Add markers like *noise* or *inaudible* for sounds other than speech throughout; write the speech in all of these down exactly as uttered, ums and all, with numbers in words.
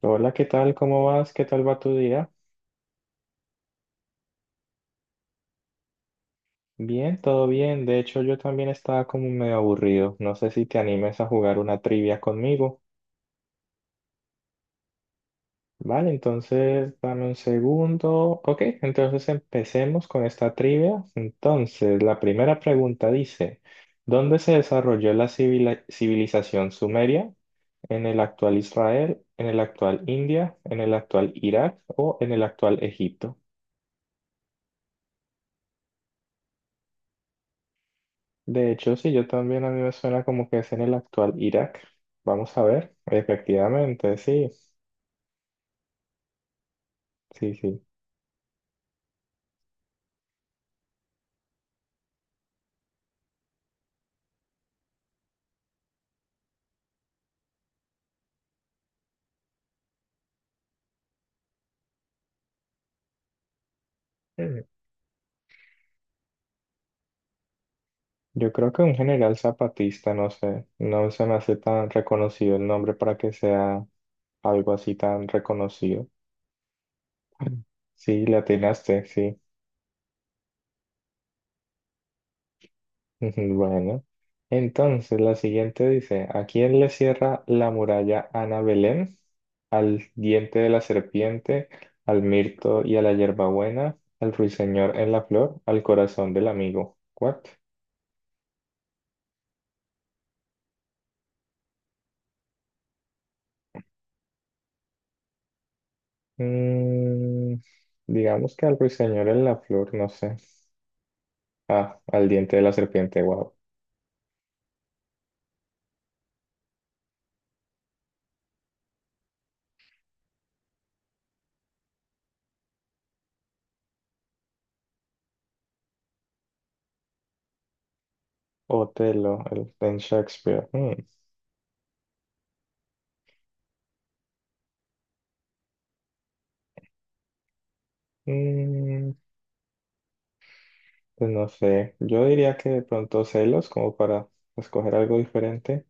Hola, ¿qué tal? ¿Cómo vas? ¿Qué tal va tu día? Bien, todo bien. De hecho, yo también estaba como medio aburrido. No sé si te animes a jugar una trivia conmigo. Vale, entonces dame un segundo. Ok, entonces empecemos con esta trivia. Entonces, la primera pregunta dice, ¿dónde se desarrolló la civila- civilización sumeria? ¿En el actual Israel, en el actual India, en el actual Irak o en el actual Egipto? De hecho, sí, yo también a mí me suena como que es en el actual Irak. Vamos a ver, efectivamente, sí, sí, sí. Mm. Yo creo que un general zapatista, no sé, no se me hace tan reconocido el nombre para que sea algo así tan reconocido. Sí, le atinaste, sí. Ujú, bueno, entonces la siguiente dice, ¿a quién le cierra la muralla Ana Belén? ¿Al diente de la serpiente, al mirto y a la hierbabuena, al ruiseñor en la flor, al corazón del amigo? ¿What? Mm, digamos que al ruiseñor en la flor, no sé. Ah, al diente de la serpiente, wow. Otelo, el, en Shakespeare. Mm, mm, pues no sé, yo diría que de pronto celos como para escoger algo diferente.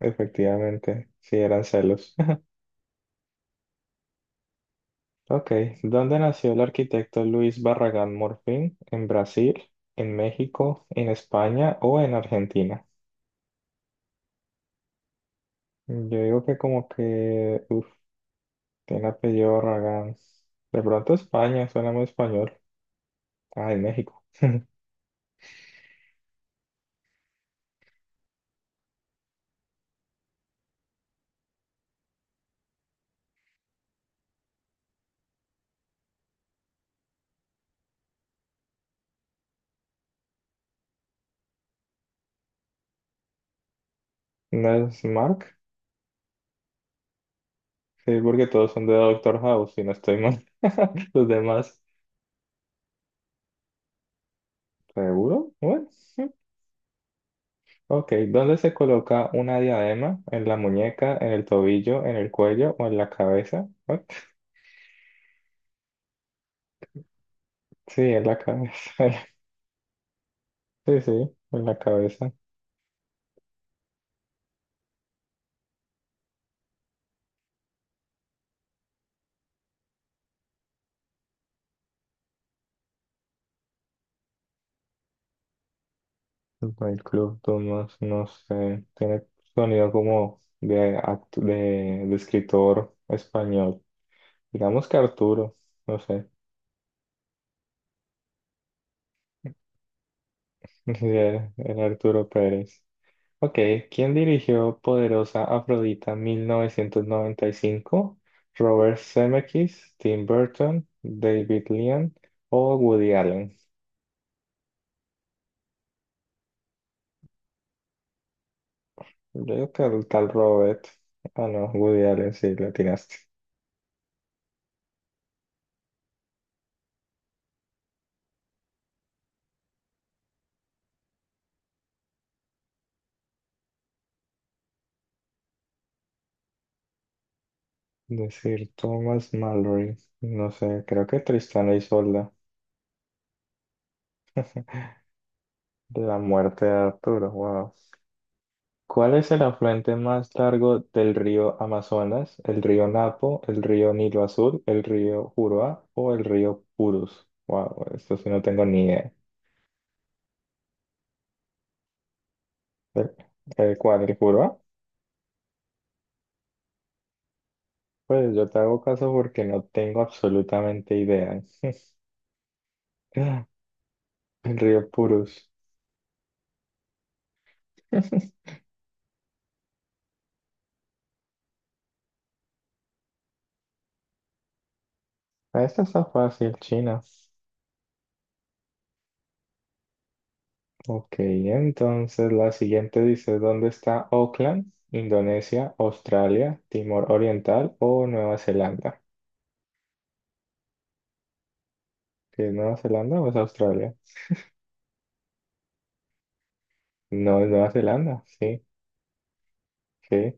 Efectivamente, sí eran celos. *laughs* Ok, ¿dónde nació el arquitecto Luis Barragán Morfín? ¿En Brasil, en México, en España o en Argentina? Yo digo que como que, uff, tiene apellido Barragán. De pronto España, suena muy español. Ah, en México. *laughs* ¿No es Mark? Sí, porque todos son de Doctor House, si no estoy mal. *laughs* Los demás. ¿Seguro? Bueno. Sí. Ok, ¿dónde se coloca una diadema? ¿En la muñeca, en el tobillo, en el cuello o en la cabeza? What? Sí, en la cabeza. *laughs* Sí, sí, en la cabeza. El club Dumas, no no sé, tiene sonido como de, actu- de, de escritor español. Digamos que Arturo, no sé. *laughs* Sí, era era Arturo Pérez. Ok, ¿quién dirigió Poderosa Afrodita mil novecientos noventa y cinco? Robert Zemeckis, Tim Burton, David Lean o Woody Allen. Yo creo que el tal Robert. Ah, no, Woody Allen, sí, le atinaste. Decir Thomas Mallory. No sé, creo que Tristana y Isolda. La muerte de Arturo, wow. ¿Cuál es el afluente más largo del río Amazonas? ¿El río Napo, el río Nilo Azul, el río Juruá o el río Purus? Wow, esto sí no tengo ni idea. ¿El, el cuál? ¿El Juruá? Pues yo te hago caso porque no tengo absolutamente idea. *laughs* El río Purus. *laughs* Esta está fácil, China. Ok, entonces la siguiente dice, ¿dónde está Auckland? Indonesia, Australia, Timor Oriental o Nueva Zelanda. ¿Que es Nueva Zelanda o es Australia? No, es Nueva Zelanda, sí, sí.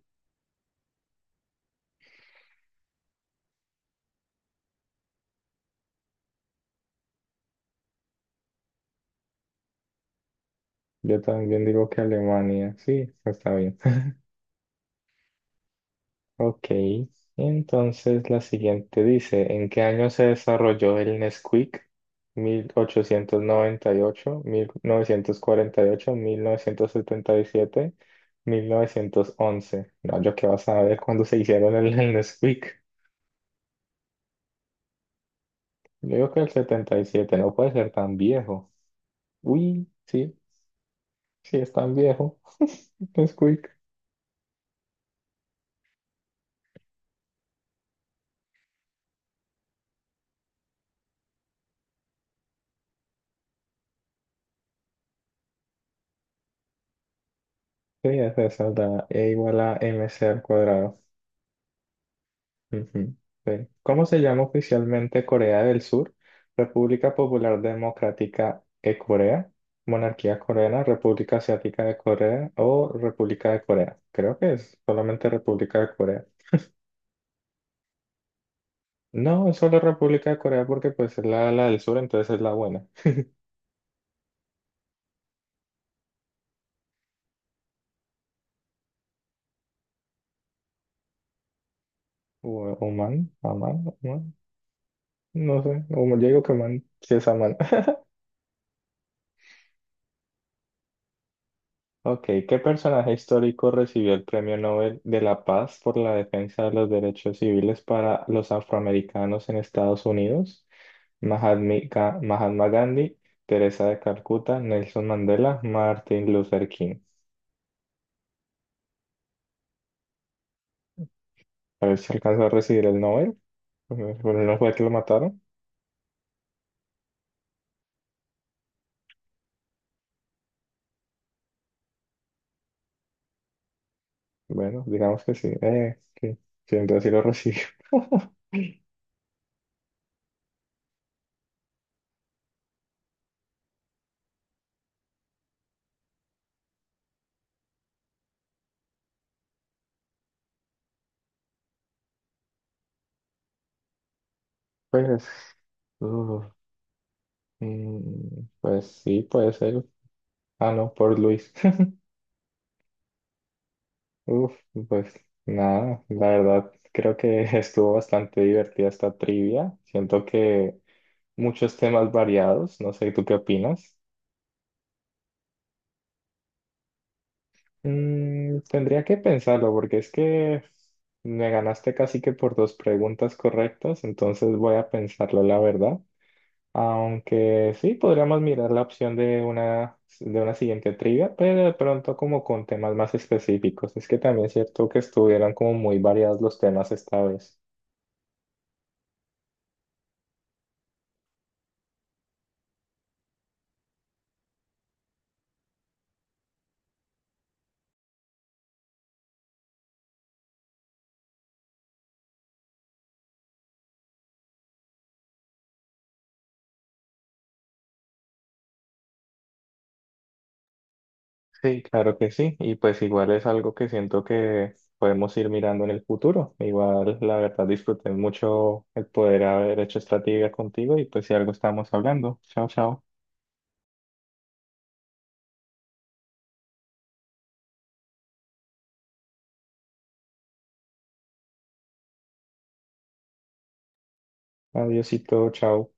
Yo también digo que Alemania, sí, está bien. *laughs* Ok, entonces la siguiente dice, ¿en qué año se desarrolló el Nesquik? mil mil mil ochocientos noventa y y y ocho ocho novecientos novecientos cuarenta, setenta y siete, mil novecientos once. No, yo qué vas a ver cuándo se hicieron el, el Nesquik. Yo digo que el setenta y siete no puede ser tan viejo. Uy, sí. Si es tan viejo, *laughs* es quick. Sí, es esa, da E igual a mc al cuadrado. Ujú, sí. ¿Cómo se llama oficialmente Corea del Sur? República Popular Democrática de Corea, Monarquía Coreana, República Asiática de Corea o República de Corea. Creo que es solamente República de Corea. No, es solo República de Corea porque pues es la, la del sur, entonces es la buena. O, o man, Amán, Amán, no. No sé, o yo digo que man, si es Amán. Ok, ¿qué personaje histórico recibió el Premio Nobel de la Paz por la defensa de los derechos civiles para los afroamericanos en Estados Unidos? Mahatma Ga- Mahatma Gandhi, Teresa de Calcuta, Nelson Mandela, Martin Luther King. A ver si alcanzó a recibir el Nobel. Bueno, ¿no fue que lo mataron? Bueno, digamos que sí. Eh, sí, sí, entonces sí lo recibió. *laughs* Pues, uh, mm, pues sí, puede ser. Ah, no, por Luis. *laughs* Uf, pues nada, la verdad creo que *laughs* estuvo bastante divertida esta trivia. Siento que muchos temas variados, no sé, ¿tú qué opinas? Mm, tendría que pensarlo porque es que me ganaste casi que por dos preguntas correctas, entonces voy a pensarlo, la verdad. Aunque sí, podríamos mirar la opción de una, de una siguiente trivia, pero de pronto como con temas más específicos. Es que también es cierto que estuvieron como muy variados los temas esta vez. Sí, claro que sí. Y pues igual es algo que siento que podemos ir mirando en el futuro. Igual, la verdad, disfruté mucho el poder haber hecho esta trivia contigo y pues si algo estamos hablando. Chao, chao. Adiosito, chao.